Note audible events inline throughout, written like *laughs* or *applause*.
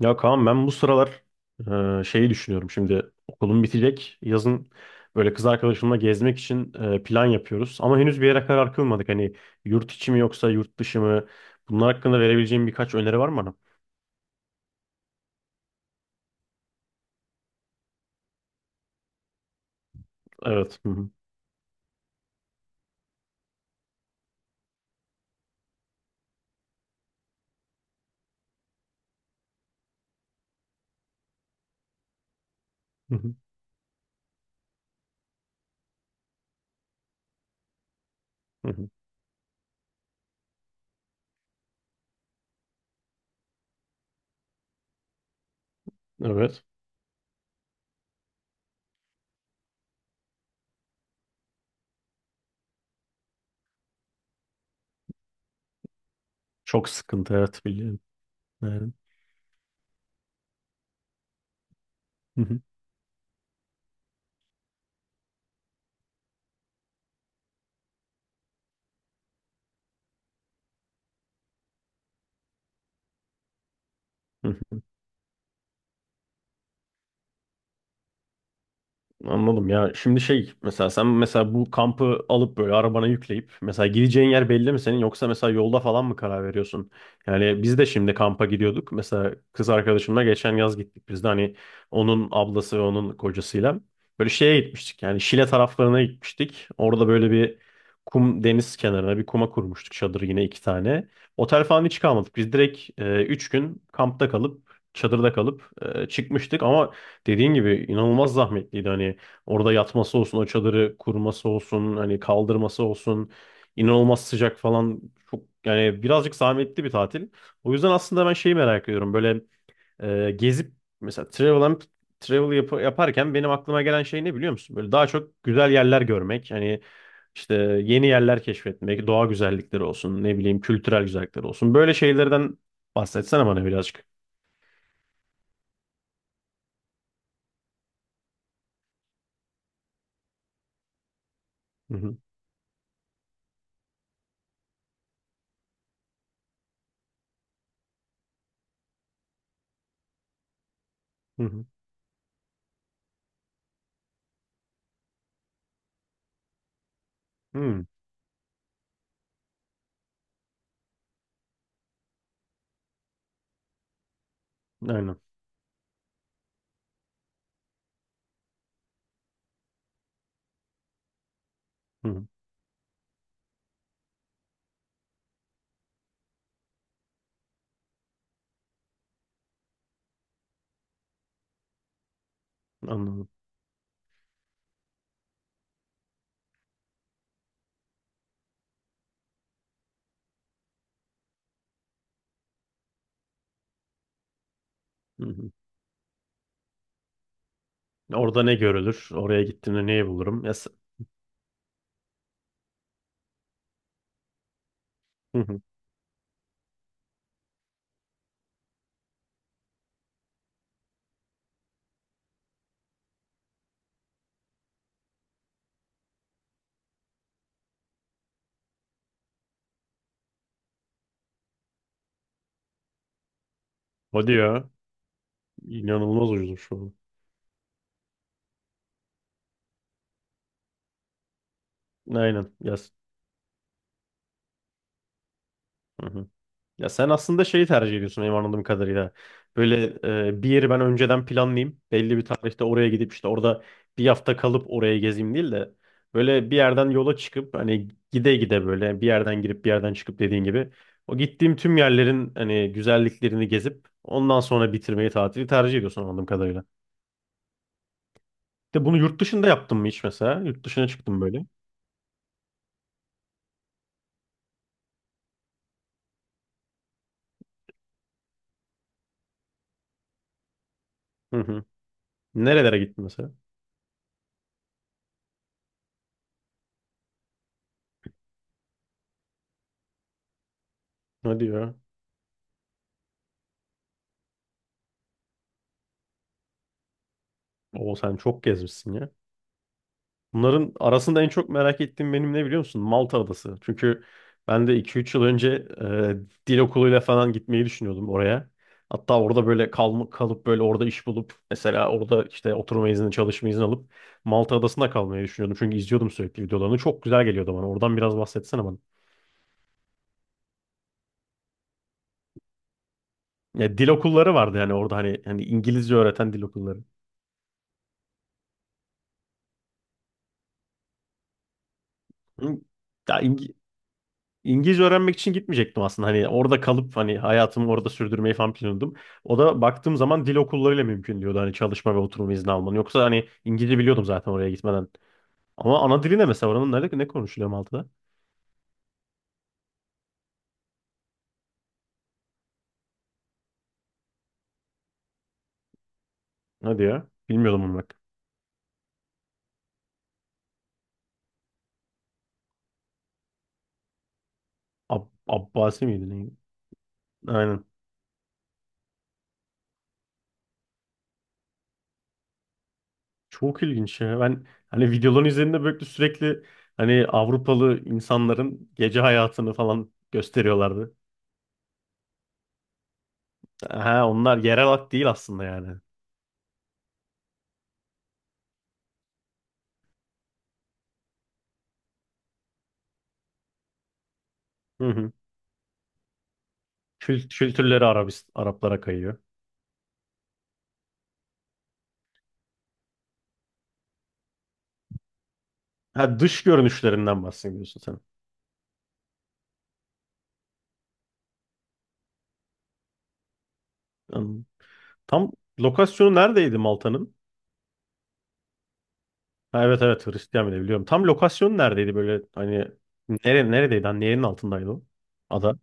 Ya Kaan, ben bu sıralar şeyi düşünüyorum. Şimdi okulum bitecek. Yazın böyle kız arkadaşımla gezmek için plan yapıyoruz. Ama henüz bir yere karar kılmadık. Hani, yurt içi mi yoksa yurt dışı mı? Bunlar hakkında verebileceğim birkaç öneri var mı bana? Evet. Hı hı. Hı hı. Hı hı. Evet. Çok sıkıntı, evet, biliyorum. Evet. Hı hı. Hı. Anladım ya. Şimdi şey, mesela sen mesela bu kampı alıp böyle arabana yükleyip mesela gideceğin yer belli mi senin, yoksa mesela yolda falan mı karar veriyorsun? Yani biz de şimdi kampa gidiyorduk. Mesela kız arkadaşımla geçen yaz gittik biz de, hani onun ablası ve onun kocasıyla. Böyle şeye gitmiştik yani, Şile taraflarına gitmiştik. Orada böyle bir kum, deniz kenarına bir kuma kurmuştuk çadır, yine iki tane. Otel falan hiç kalmadık. Biz direkt üç gün kampta kalıp, çadırda kalıp çıkmıştık ama dediğin gibi inanılmaz zahmetliydi. Hani orada yatması olsun, o çadırı kurması olsun, hani kaldırması olsun, inanılmaz sıcak falan. Çok yani, birazcık zahmetli bir tatil. O yüzden aslında ben şeyi merak ediyorum. Böyle gezip, mesela yaparken benim aklıma gelen şey ne, biliyor musun? Böyle daha çok güzel yerler görmek. Hani, işte yeni yerler keşfetmek, doğa güzellikleri olsun, ne bileyim, kültürel güzellikler olsun. Böyle şeylerden bahsetsene bana birazcık. Hı hı. Hı hı. Hı. Aynen. Hı. Anladım. Hı hı. Orada ne görülür? Oraya gittiğimde neyi bulurum? Ya, hı hı. Hadi ya. İnanılmaz ucuzmuş şu an. Aynen. Ya, hı hı. Ya sen aslında şeyi tercih ediyorsun benim anladığım kadarıyla. Böyle bir yeri ben önceden planlayayım. Belli bir tarihte oraya gidip işte orada bir hafta kalıp oraya gezeyim değil de, böyle bir yerden yola çıkıp hani gide gide, böyle bir yerden girip bir yerden çıkıp, dediğin gibi o gittiğim tüm yerlerin hani güzelliklerini gezip ondan sonra bitirmeyi, tatili tercih ediyorsun anladığım kadarıyla. De, bunu yurt dışında yaptın mı hiç mesela? Yurt dışına çıktın böyle. Hı hı. Nerelere gittin mesela? Hadi ya. O sen çok gezmişsin ya. Bunların arasında en çok merak ettiğim benim ne, biliyor musun? Malta Adası. Çünkü ben de iki üç yıl önce dil okuluyla falan gitmeyi düşünüyordum oraya. Hatta orada böyle kalıp böyle orada iş bulup mesela orada işte oturma izni, çalışma izni alıp Malta Adası'nda kalmayı düşünüyordum. Çünkü izliyordum sürekli videolarını. Çok güzel geliyordu bana. Oradan biraz bahsetsene bana. Ya, dil okulları vardı yani orada, hani İngilizce öğreten dil okulları. Hı. Ya İngi- İngilizce öğrenmek için gitmeyecektim aslında. Hani orada kalıp hani hayatımı orada sürdürmeyi falan planladım. O da baktığım zaman dil okullarıyla mümkün diyordu, hani çalışma ve oturum izni almanı. Yoksa hani İngilizce biliyordum zaten oraya gitmeden. Ama ana dili ne mesela oranın, nerede ne konuşuluyor Malta'da? Hadi ya. Bilmiyordum bunu bak. Abbasi miydi neydi? Aynen. Çok ilginç ya. Ben hani videoların üzerinde böyle sürekli hani Avrupalı insanların gece hayatını falan gösteriyorlardı. Ha, onlar yerel halk değil aslında yani. Hı hı. Kültürleri Arabist, Araplara kayıyor. Ha, dış görünüşlerinden bahsediyorsun sen. Anladım. Tam lokasyonu neredeydi Malta'nın? Ha, evet evet, Hristiyan bile biliyorum. Tam lokasyonu neredeydi böyle hani, neredeydi? Hani yerin altındaydı o ada.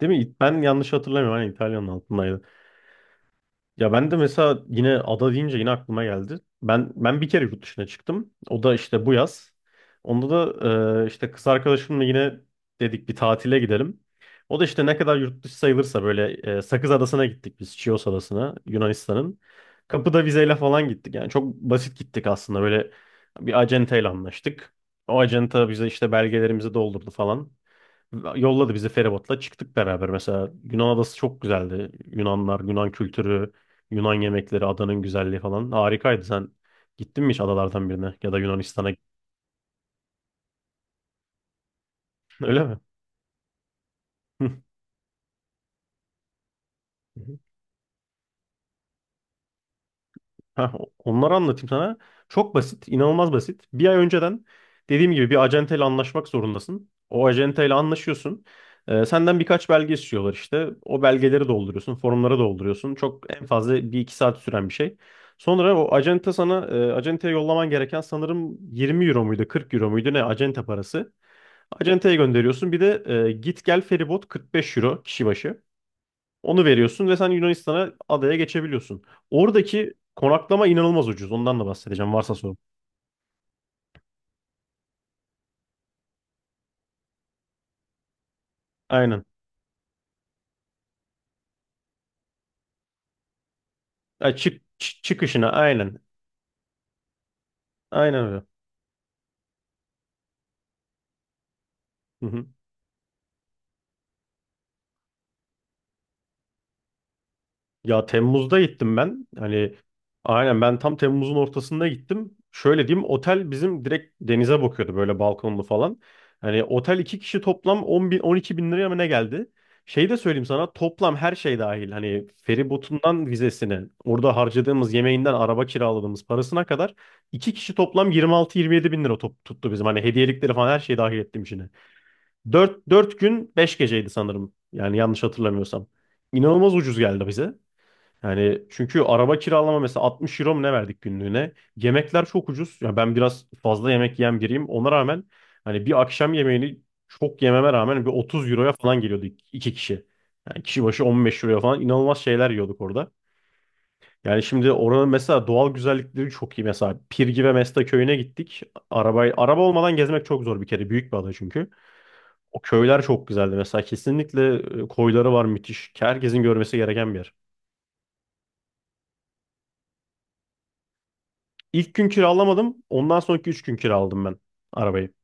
Değil mi? Ben yanlış hatırlamıyorum. Hani İtalya'nın altındaydı. Ya ben de mesela yine ada deyince yine aklıma geldi. Ben bir kere yurt dışına çıktım. O da işte bu yaz. Onda da işte kız arkadaşımla yine dedik bir tatile gidelim. O da işte ne kadar yurt dışı sayılırsa böyle Sakız Adası'na gittik biz. Chios Adası'na Yunanistan'ın. Kapıda vizeyle falan gittik. Yani çok basit gittik aslında. Böyle bir acenteyle anlaştık. O acenta bize işte belgelerimizi doldurdu falan. Yolladı bizi, feribotla çıktık beraber mesela. Yunan adası çok güzeldi. Yunanlar, Yunan kültürü, Yunan yemekleri, adanın güzelliği falan harikaydı. Sen gittin mi hiç adalardan birine ya da Yunanistan'a? *laughs* Öyle mi? *laughs* Heh, onları anlatayım sana. Çok basit, inanılmaz basit. Bir ay önceden dediğim gibi bir acenteyle anlaşmak zorundasın. O acenteyle anlaşıyorsun. Senden birkaç belge istiyorlar işte. O belgeleri dolduruyorsun, formları dolduruyorsun. Çok en fazla bir iki saat süren bir şey. Sonra o acente sana, acenteye yollaman gereken sanırım 20 euro muydu, 40 euro muydu, ne acente parası. Acenteye gönderiyorsun. Bir de git gel feribot 45 euro kişi başı. Onu veriyorsun ve sen Yunanistan'a, adaya geçebiliyorsun. Oradaki konaklama inanılmaz ucuz. Ondan da bahsedeceğim varsa sorun. Aynen. Çıkışına aynen. Aynen öyle. Hı hı. Ya Temmuz'da gittim ben. Hani, aynen ben tam Temmuz'un ortasında gittim. Şöyle diyeyim, otel bizim direkt denize bakıyordu, böyle balkonlu falan. Hani otel iki kişi toplam 10 bin 12 bin liraya mı ne geldi? Şey de söyleyeyim sana, toplam her şey dahil. Hani feribotundan vizesine, orada harcadığımız yemeğinden, araba kiraladığımız parasına kadar iki kişi toplam 26 27 bin lira tuttu bizim. Hani hediyelikleri falan her şey dahil ettim içine. Dört gün 5 geceydi sanırım. Yani yanlış hatırlamıyorsam. İnanılmaz ucuz geldi bize. Yani çünkü araba kiralama mesela 60 euro mu ne verdik günlüğüne? Yemekler çok ucuz. Ya ben biraz fazla yemek yiyen biriyim. Ona rağmen, hani bir akşam yemeğini çok yememe rağmen bir 30 euroya falan geliyordu iki kişi. Yani kişi başı 15 euroya falan inanılmaz şeyler yiyorduk orada. Yani şimdi oranın mesela doğal güzellikleri çok iyi. Mesela Pirgi ve Mesta köyüne gittik. Araba olmadan gezmek çok zor bir kere. Büyük bir ada çünkü. O köyler çok güzeldi. Mesela kesinlikle koyları var müthiş. Herkesin görmesi gereken bir yer. İlk gün kiralamadım. Ondan sonraki üç gün kiraladım ben arabayı.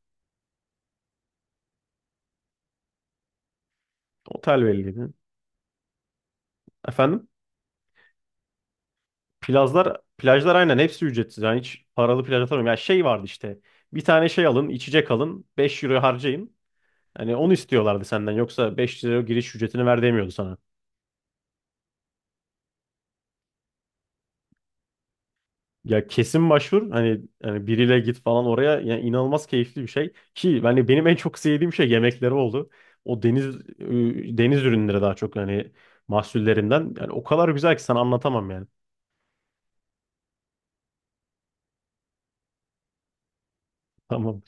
Otel belliydi. Efendim? Plajlar, plajlar aynen hepsi ücretsiz. Yani hiç paralı plaj atamıyorum. Ya şey vardı işte. Bir tane şey alın, içecek alın. 5 euro harcayın. Hani onu istiyorlardı senden. Yoksa 5 euro giriş ücretini ver demiyordu sana. Ya kesin başvur. Hani, biriyle git falan oraya. Yani inanılmaz keyifli bir şey. Ki yani benim en çok sevdiğim şey yemekleri oldu. O deniz ürünleri daha çok, hani mahsullerinden. Yani o kadar güzel ki sana anlatamam yani. Tamam.